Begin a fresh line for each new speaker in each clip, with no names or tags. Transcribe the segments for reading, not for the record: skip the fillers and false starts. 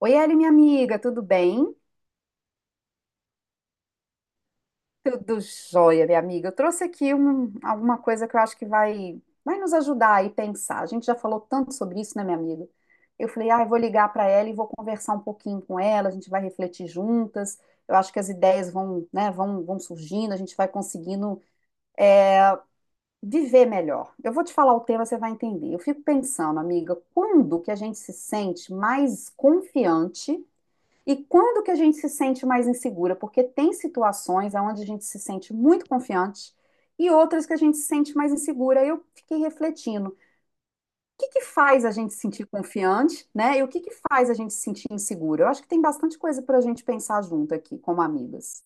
Oi, Eli, minha amiga, tudo bem? Tudo jóia, minha amiga. Eu trouxe aqui alguma coisa que eu acho que vai nos ajudar aí a pensar. A gente já falou tanto sobre isso, né, minha amiga? Eu falei, ah, eu vou ligar para ela e vou conversar um pouquinho com ela, a gente vai refletir juntas. Eu acho que as ideias vão, né, vão surgindo, a gente vai conseguindo viver melhor. Eu vou te falar o tema, você vai entender. Eu fico pensando, amiga, quando que a gente se sente mais confiante? E quando que a gente se sente mais insegura? Porque tem situações onde a gente se sente muito confiante e outras que a gente se sente mais insegura. Eu fiquei refletindo, o que que faz a gente se sentir confiante, né? E o que que faz a gente se sentir insegura? Eu acho que tem bastante coisa para a gente pensar junto aqui, como amigas.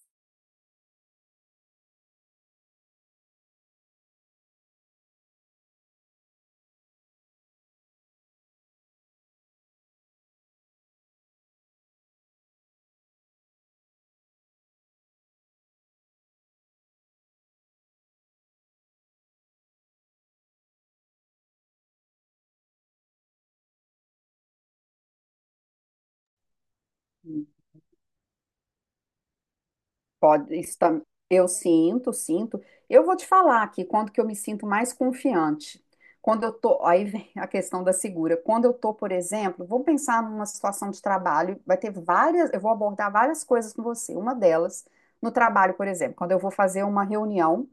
Pode, isso tam- eu sinto. Eu vou te falar aqui quando que eu me sinto mais confiante. Quando eu tô, aí vem a questão da segura. Quando eu tô, por exemplo, vou pensar numa situação de trabalho, vai ter várias, eu vou abordar várias coisas com você. Uma delas, no trabalho, por exemplo, quando eu vou fazer uma reunião,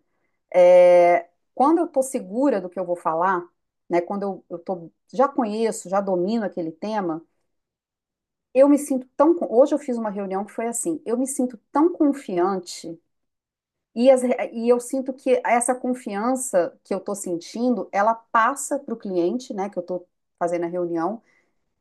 é, quando eu tô segura do que eu vou falar, né, quando eu tô, já conheço, já domino aquele tema, eu me sinto hoje eu fiz uma reunião que foi assim, eu me sinto tão confiante e eu sinto que essa confiança que eu estou sentindo, ela passa para o cliente, né, que eu estou fazendo a reunião,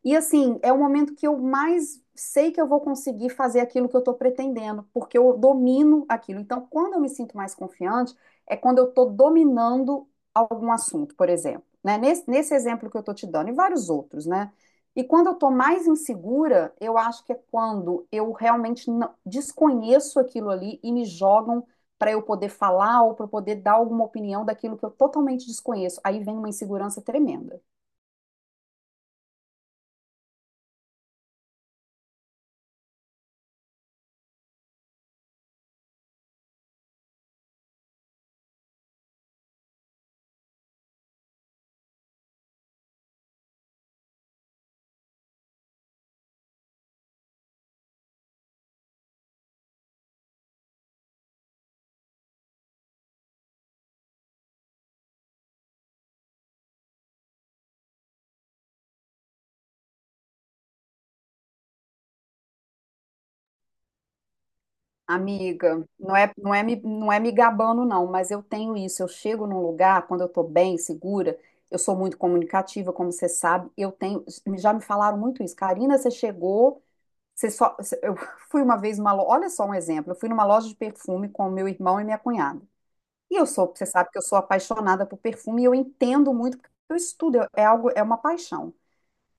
e assim, é o momento que eu mais sei que eu vou conseguir fazer aquilo que eu estou pretendendo, porque eu domino aquilo. Então, quando eu me sinto mais confiante, é quando eu estou dominando algum assunto, por exemplo, né? Nesse exemplo que eu estou te dando, e vários outros, né? E quando eu estou mais insegura, eu acho que é quando eu realmente desconheço aquilo ali e me jogam para eu poder falar ou para eu poder dar alguma opinião daquilo que eu totalmente desconheço. Aí vem uma insegurança tremenda. Amiga, não é me gabando, não, mas eu tenho isso. Eu chego num lugar, quando eu tô bem, segura, eu sou muito comunicativa, como você sabe. Eu tenho. Já me falaram muito isso. Karina, você chegou, Eu fui uma vez numa loja. Olha só um exemplo. Eu fui numa loja de perfume com o meu irmão e minha cunhada. E eu sou, você sabe que eu sou apaixonada por perfume e eu entendo muito, porque eu estudo, é algo, é uma paixão.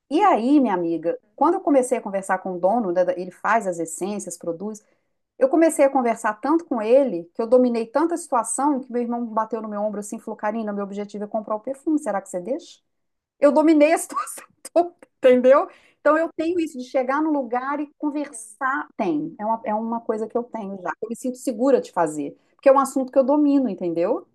E aí, minha amiga, quando eu comecei a conversar com o dono, né, ele faz as essências, produz. Eu comecei a conversar tanto com ele, que eu dominei tanta situação, que meu irmão bateu no meu ombro assim e falou: Karina, meu objetivo é comprar o perfume, será que você deixa? Eu dominei a situação toda, entendeu? Então eu tenho isso de chegar no lugar e conversar. Tem, é uma coisa que eu tenho já. Eu me sinto segura de fazer, porque é um assunto que eu domino, entendeu?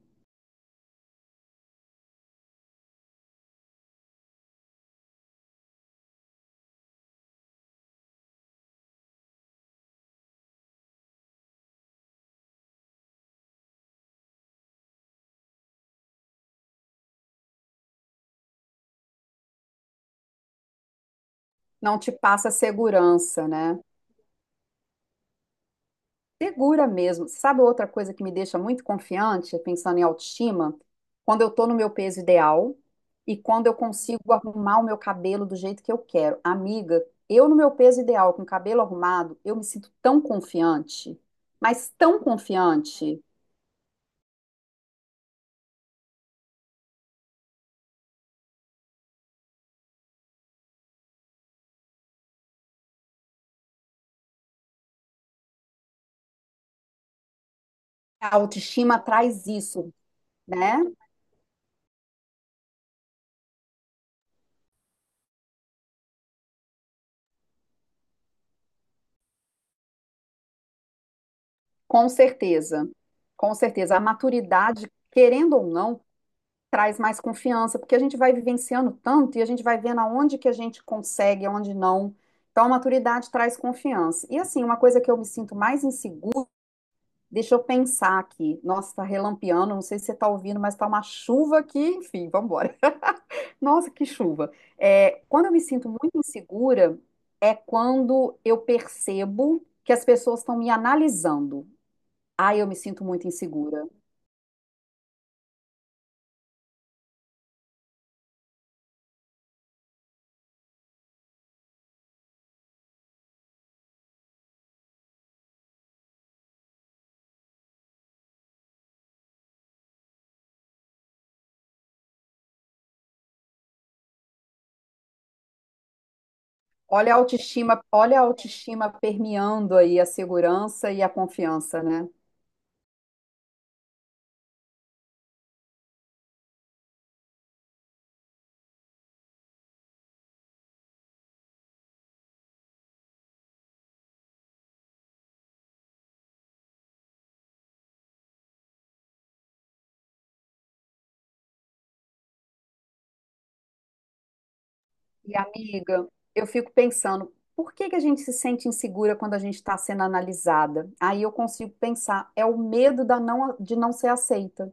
Não te passa segurança, né? Segura mesmo. Sabe outra coisa que me deixa muito confiante, pensando em autoestima? Quando eu tô no meu peso ideal e quando eu consigo arrumar o meu cabelo do jeito que eu quero. Amiga, eu no meu peso ideal, com o cabelo arrumado, eu me sinto tão confiante, mas tão confiante. A autoestima traz isso, né? Com certeza. Com certeza. A maturidade, querendo ou não, traz mais confiança, porque a gente vai vivenciando tanto e a gente vai vendo aonde que a gente consegue, aonde não. Então, a maturidade traz confiança. E assim, uma coisa que eu me sinto mais insegura, deixa eu pensar aqui. Nossa, tá relampeando, não sei se você tá ouvindo, mas tá uma chuva aqui, enfim, vamos embora. Nossa, que chuva. É, quando eu me sinto muito insegura, é quando eu percebo que as pessoas estão me analisando. Aí eu me sinto muito insegura. Olha a autoestima permeando aí a segurança e a confiança, né? E amiga, eu fico pensando, por que que a gente se sente insegura quando a gente está sendo analisada? Aí eu consigo pensar, é o medo da não, de não ser aceita.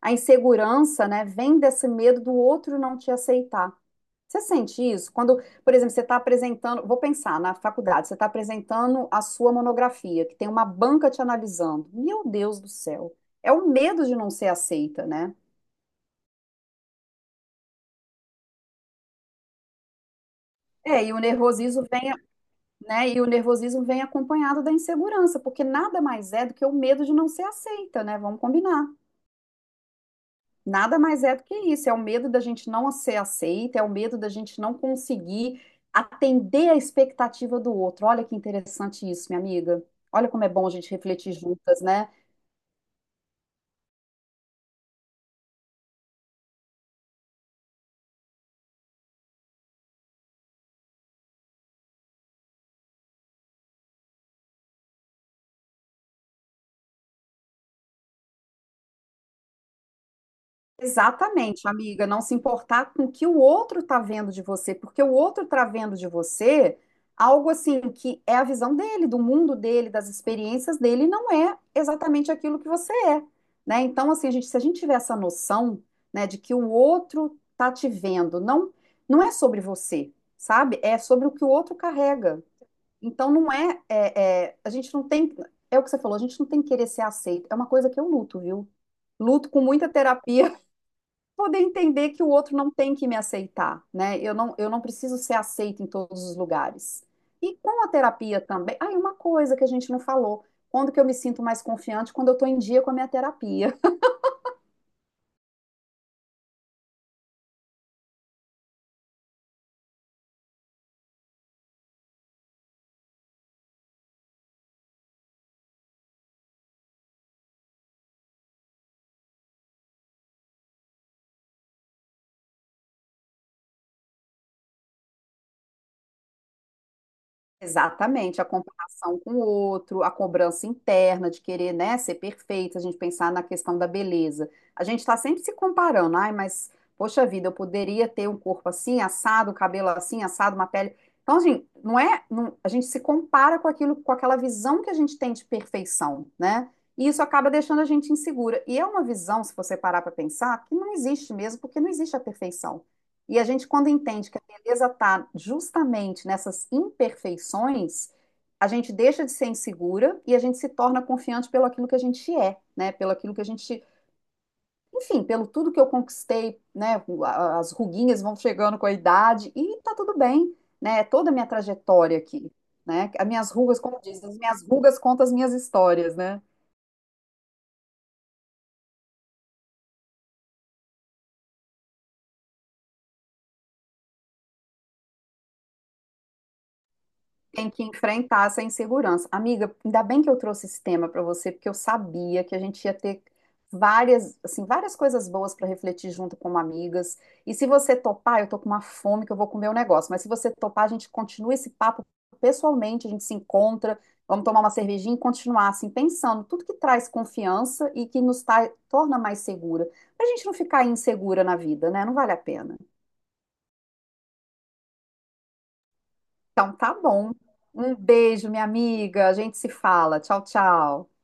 A insegurança, né, vem desse medo do outro não te aceitar. Você sente isso? Quando, por exemplo, você está apresentando, vou pensar na faculdade, você está apresentando a sua monografia, que tem uma banca te analisando. Meu Deus do céu, é o medo de não ser aceita, né? É, e o nervosismo vem, né? E o nervosismo vem acompanhado da insegurança, porque nada mais é do que o medo de não ser aceita, né? Vamos combinar. Nada mais é do que isso, é o medo da gente não ser aceita, é o medo da gente não conseguir atender a expectativa do outro. Olha que interessante isso, minha amiga. Olha como é bom a gente refletir juntas, né? Exatamente, amiga, não se importar com o que o outro tá vendo de você, porque o outro tá vendo de você algo assim que é a visão dele, do mundo dele, das experiências dele, e não é exatamente aquilo que você é, né? Então, assim, a gente, se a gente tiver essa noção, né, de que o outro tá te vendo, não, não é sobre você, sabe? É sobre o que o outro carrega. Então, não é, é, é- a gente não tem, é o que você falou, a gente não tem que querer ser aceito. É uma coisa que eu luto, viu? Luto com muita terapia poder entender que o outro não tem que me aceitar, né? Eu não preciso ser aceita em todos os lugares. E com a terapia também. Ah, e uma coisa que a gente não falou. Quando que eu me sinto mais confiante? Quando eu estou em dia com a minha terapia. Exatamente, a comparação com o outro, a cobrança interna de querer, né, ser perfeita, a gente pensar na questão da beleza. A gente está sempre se comparando, ai, mas poxa vida, eu poderia ter um corpo assim, assado, um cabelo assim, assado, uma pele. Então, assim, a gente se compara com aquilo, com aquela visão que a gente tem de perfeição, né? E isso acaba deixando a gente insegura. E é uma visão, se você parar para pensar, que não existe mesmo, porque não existe a perfeição. E a gente, quando entende que empresa está justamente nessas imperfeições, a gente deixa de ser insegura e a gente se torna confiante pelo aquilo que a gente é, né? Pelo aquilo que a gente, enfim, pelo tudo que eu conquistei, né? As ruguinhas vão chegando com a idade e tá tudo bem, né? É toda a minha trajetória aqui, né? As minhas rugas, como diz, as minhas rugas contam as minhas histórias, né? Tem que enfrentar essa insegurança. Amiga, ainda bem que eu trouxe esse tema para você, porque eu sabia que a gente ia ter várias, assim, várias coisas boas para refletir junto como amigas. E se você topar, eu tô com uma fome que eu vou comer o negócio, mas se você topar, a gente continua esse papo pessoalmente, a gente se encontra, vamos tomar uma cervejinha e continuar assim pensando tudo que traz confiança e que nos torna mais segura, pra gente não ficar insegura na vida, né? Não vale a pena. Então tá bom. Um beijo, minha amiga. A gente se fala. Tchau, tchau.